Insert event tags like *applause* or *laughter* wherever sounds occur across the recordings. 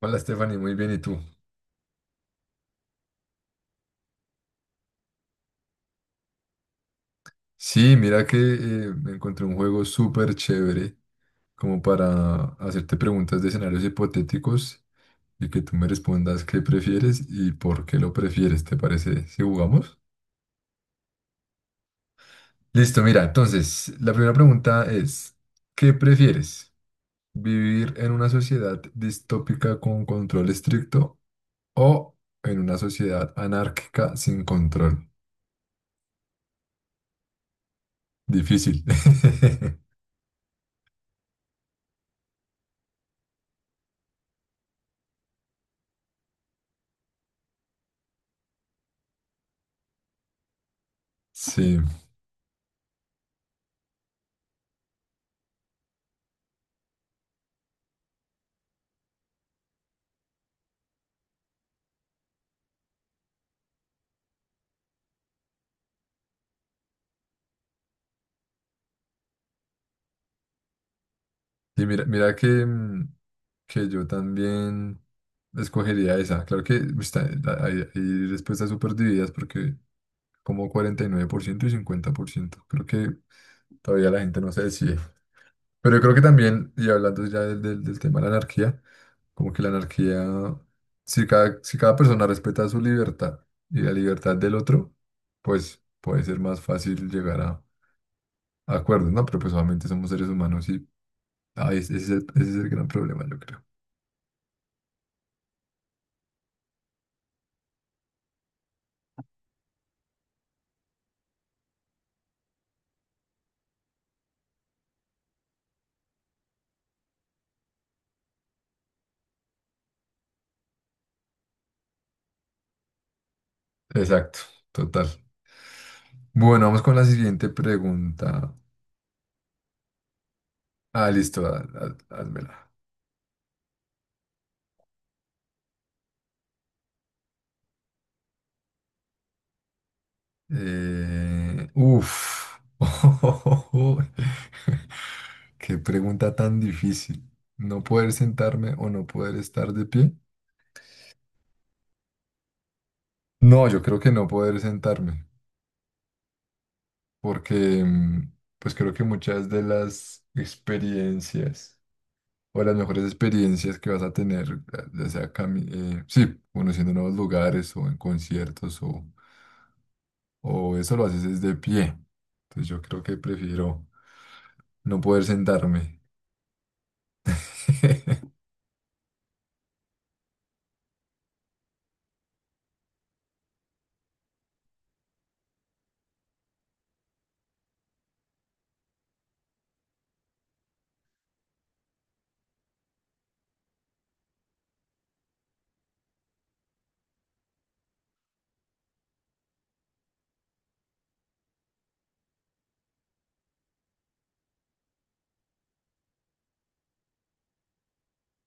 Hola Stephanie, muy bien, ¿y tú? Sí, mira que me encontré un juego súper chévere como para hacerte preguntas de escenarios hipotéticos y que tú me respondas qué prefieres y por qué lo prefieres, ¿te parece si jugamos? Listo, mira, entonces la primera pregunta es, ¿qué prefieres? ¿Vivir en una sociedad distópica con control estricto o en una sociedad anárquica sin control? Difícil. *laughs* Sí. Y mira que que yo también escogería esa. Claro que está- hay respuestas súper divididas porque como 49 por ciento y 50 por ciento. Creo que todavía la gente no se decide. Pero yo creo que también, y hablando ya del tema de la anarquía, como que la anarquía, si cada persona respeta su libertad y la libertad del otro, pues puede ser más fácil llegar a acuerdos, ¿no? Pero pues obviamente somos seres humanos y ese es el gran problema, yo creo. Exacto, total. Bueno, vamos con la siguiente pregunta. Ah, listo, házmela. Uf. *laughs* Qué pregunta tan difícil. ¿No poder sentarme o no poder estar de pie? No, yo creo que no poder sentarme, porque pues creo que muchas de las experiencias o las mejores experiencias que vas a tener, eh, ya sea cami- sí, conociendo nuevos lugares o en conciertos o eso lo haces es de pie. Entonces yo creo que prefiero no poder sentarme. *laughs*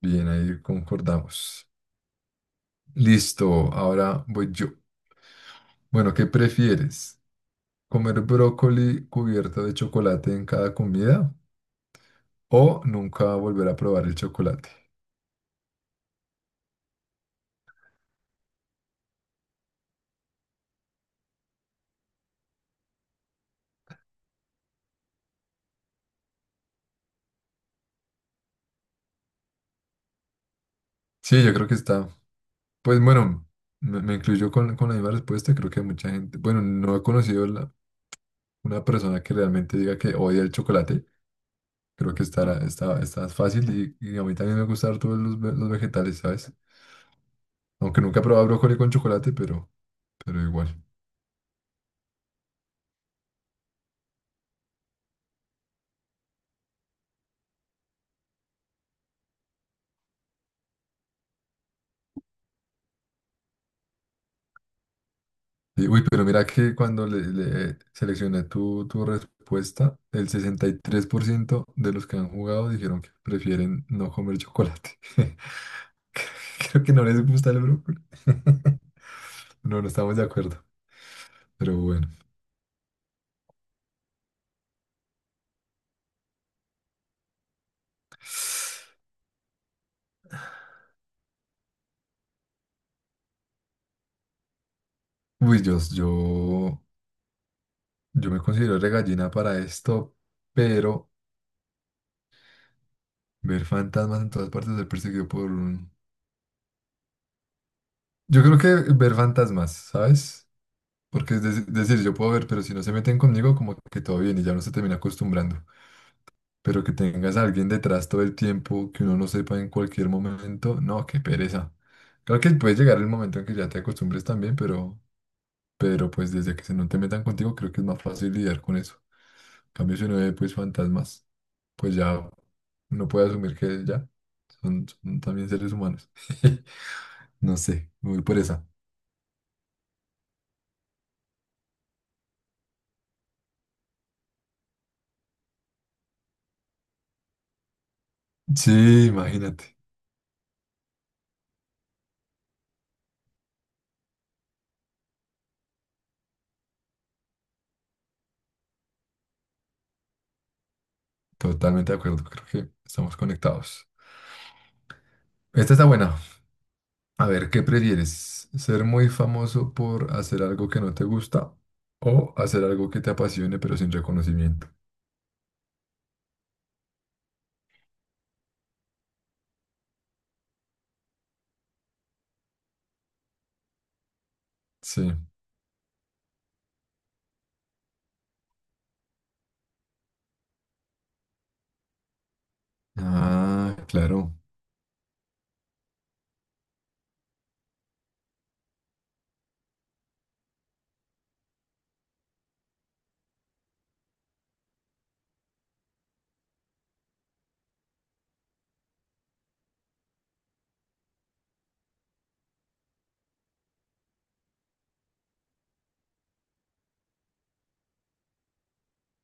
Bien, ahí concordamos. Listo, ahora voy yo. Bueno, ¿qué prefieres? ¿Comer brócoli cubierto de chocolate en cada comida o nunca volver a probar el chocolate? Sí, yo creo que está. Pues bueno, me incluyo con la misma respuesta. Creo que mucha gente, bueno, no he conocido una persona que realmente diga que odia el chocolate. Creo que está fácil y a mí también me gustan todos los, los vegetales, ¿sabes? Aunque nunca he probado brócoli con chocolate, pero igual. Y, uy, pero mira que cuando le seleccioné tu respuesta, el 63 por ciento de los que han jugado dijeron que prefieren no comer chocolate. *laughs* Creo que no les gusta el brócoli. *laughs* No, no estamos de acuerdo, pero bueno. Uy, yo me considero regallina para esto, pero ver fantasmas en todas partes, ser perseguido por un... Yo creo que ver fantasmas, ¿sabes? Porque decir, yo puedo ver, pero si no se meten conmigo, como que todo bien y ya uno se termina acostumbrando. Pero que tengas a alguien detrás todo el tiempo, que uno no sepa en cualquier momento, no, qué pereza. Claro que puede llegar el momento en que ya te acostumbres también, pero pues desde que se no te metan contigo, creo que es más fácil lidiar con eso. En cambio, si uno ve pues fantasmas, pues ya uno puede asumir que ya son también seres humanos. *laughs* No sé, me voy por esa. Sí, imagínate. Totalmente de acuerdo, creo que estamos conectados. Esta está buena. A ver, ¿qué prefieres? ¿Ser muy famoso por hacer algo que no te gusta o hacer algo que te apasione pero sin reconocimiento? Sí. Ah, claro.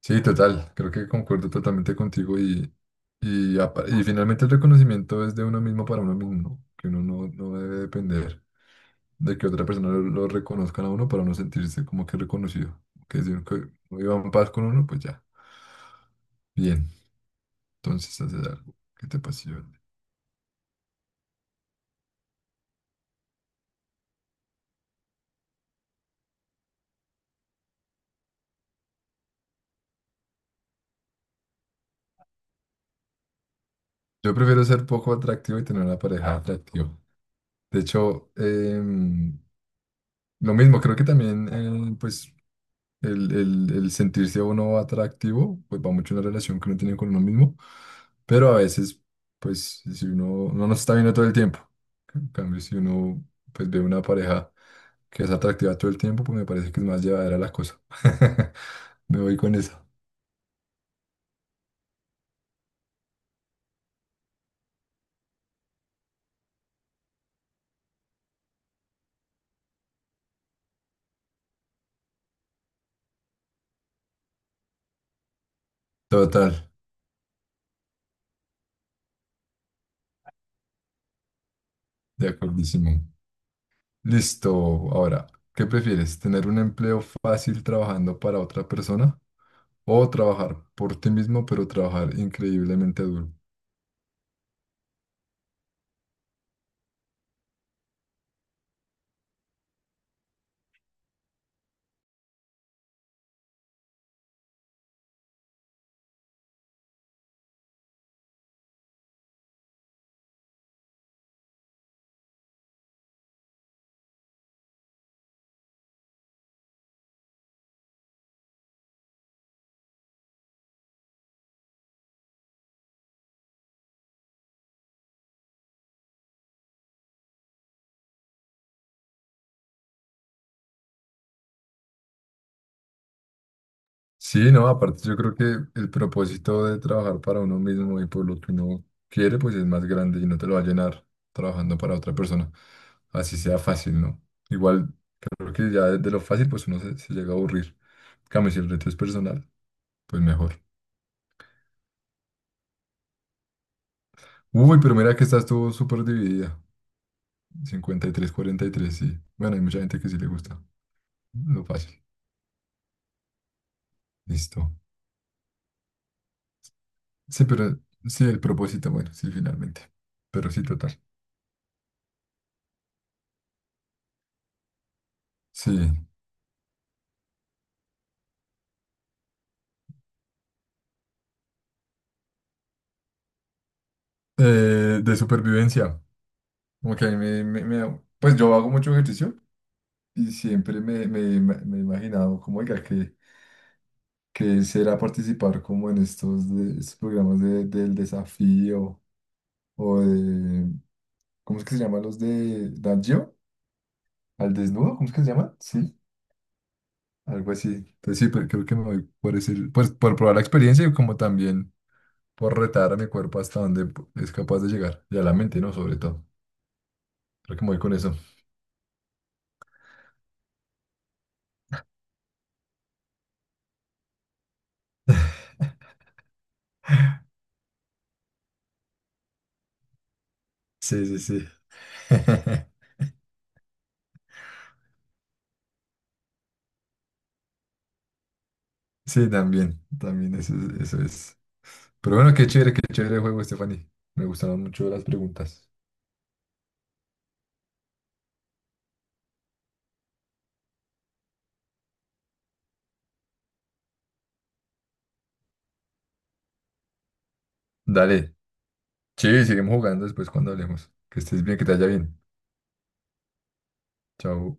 Sí, total. Creo que concuerdo totalmente contigo y, y finalmente el reconocimiento es de uno mismo para uno mismo, ¿no? Que uno no, no debe depender de que otra persona lo reconozcan a uno para uno sentirse como que reconocido. Que si uno que uno iba en paz con uno, pues ya. Bien, entonces haces algo que te apasiona. Yo prefiero ser poco atractivo y tener una pareja atractiva. De hecho, lo mismo, creo que también, pues el sentirse uno atractivo, pues va mucho en la relación que uno tiene con uno mismo, pero a veces, pues si uno no nos está viendo todo el tiempo, en cambio si uno pues ve una pareja que es atractiva todo el tiempo, pues me parece que es más llevadera la cosa. *laughs* Me voy con esa. Total, de acordísimo. Listo, ahora, ¿qué prefieres? ¿Tener un empleo fácil trabajando para otra persona o trabajar por ti mismo, pero trabajar increíblemente duro? Sí, no, aparte yo creo que el propósito de trabajar para uno mismo y por lo que uno quiere, pues es más grande y no te lo va a llenar trabajando para otra persona. Así sea fácil, ¿no? Igual, creo que ya de lo fácil, pues uno se llega a aburrir. En cambio, si el reto es personal, pues mejor. Uy, pero mira que esta estuvo súper dividida. 53 43 sí. Bueno, hay mucha gente que sí le gusta lo fácil. Listo. Sí, pero sí, el propósito, bueno, sí, finalmente. Pero sí, total. Sí. De supervivencia. Ok, pues yo hago mucho ejercicio y siempre me he imaginado como, oiga, que será participar como en estos, estos programas del desafío o de, ¿cómo es que se llaman los de Nat Geo? ¿Al desnudo? ¿Cómo es que se llaman? Sí, algo así. Entonces sí, pero creo que me voy por decir, pues por probar la experiencia y como también por retar a mi cuerpo hasta donde es capaz de llegar y a la mente, ¿no? Sobre todo. Creo que me voy con eso. Sí, sí, sí. *laughs* Sí, también, también eso, eso es. Pero bueno, qué chévere el juego, Stephanie. Me gustaron mucho las preguntas. Dale. Sí, seguimos jugando después cuando hablemos. Que estés bien, que te vaya bien. Chao.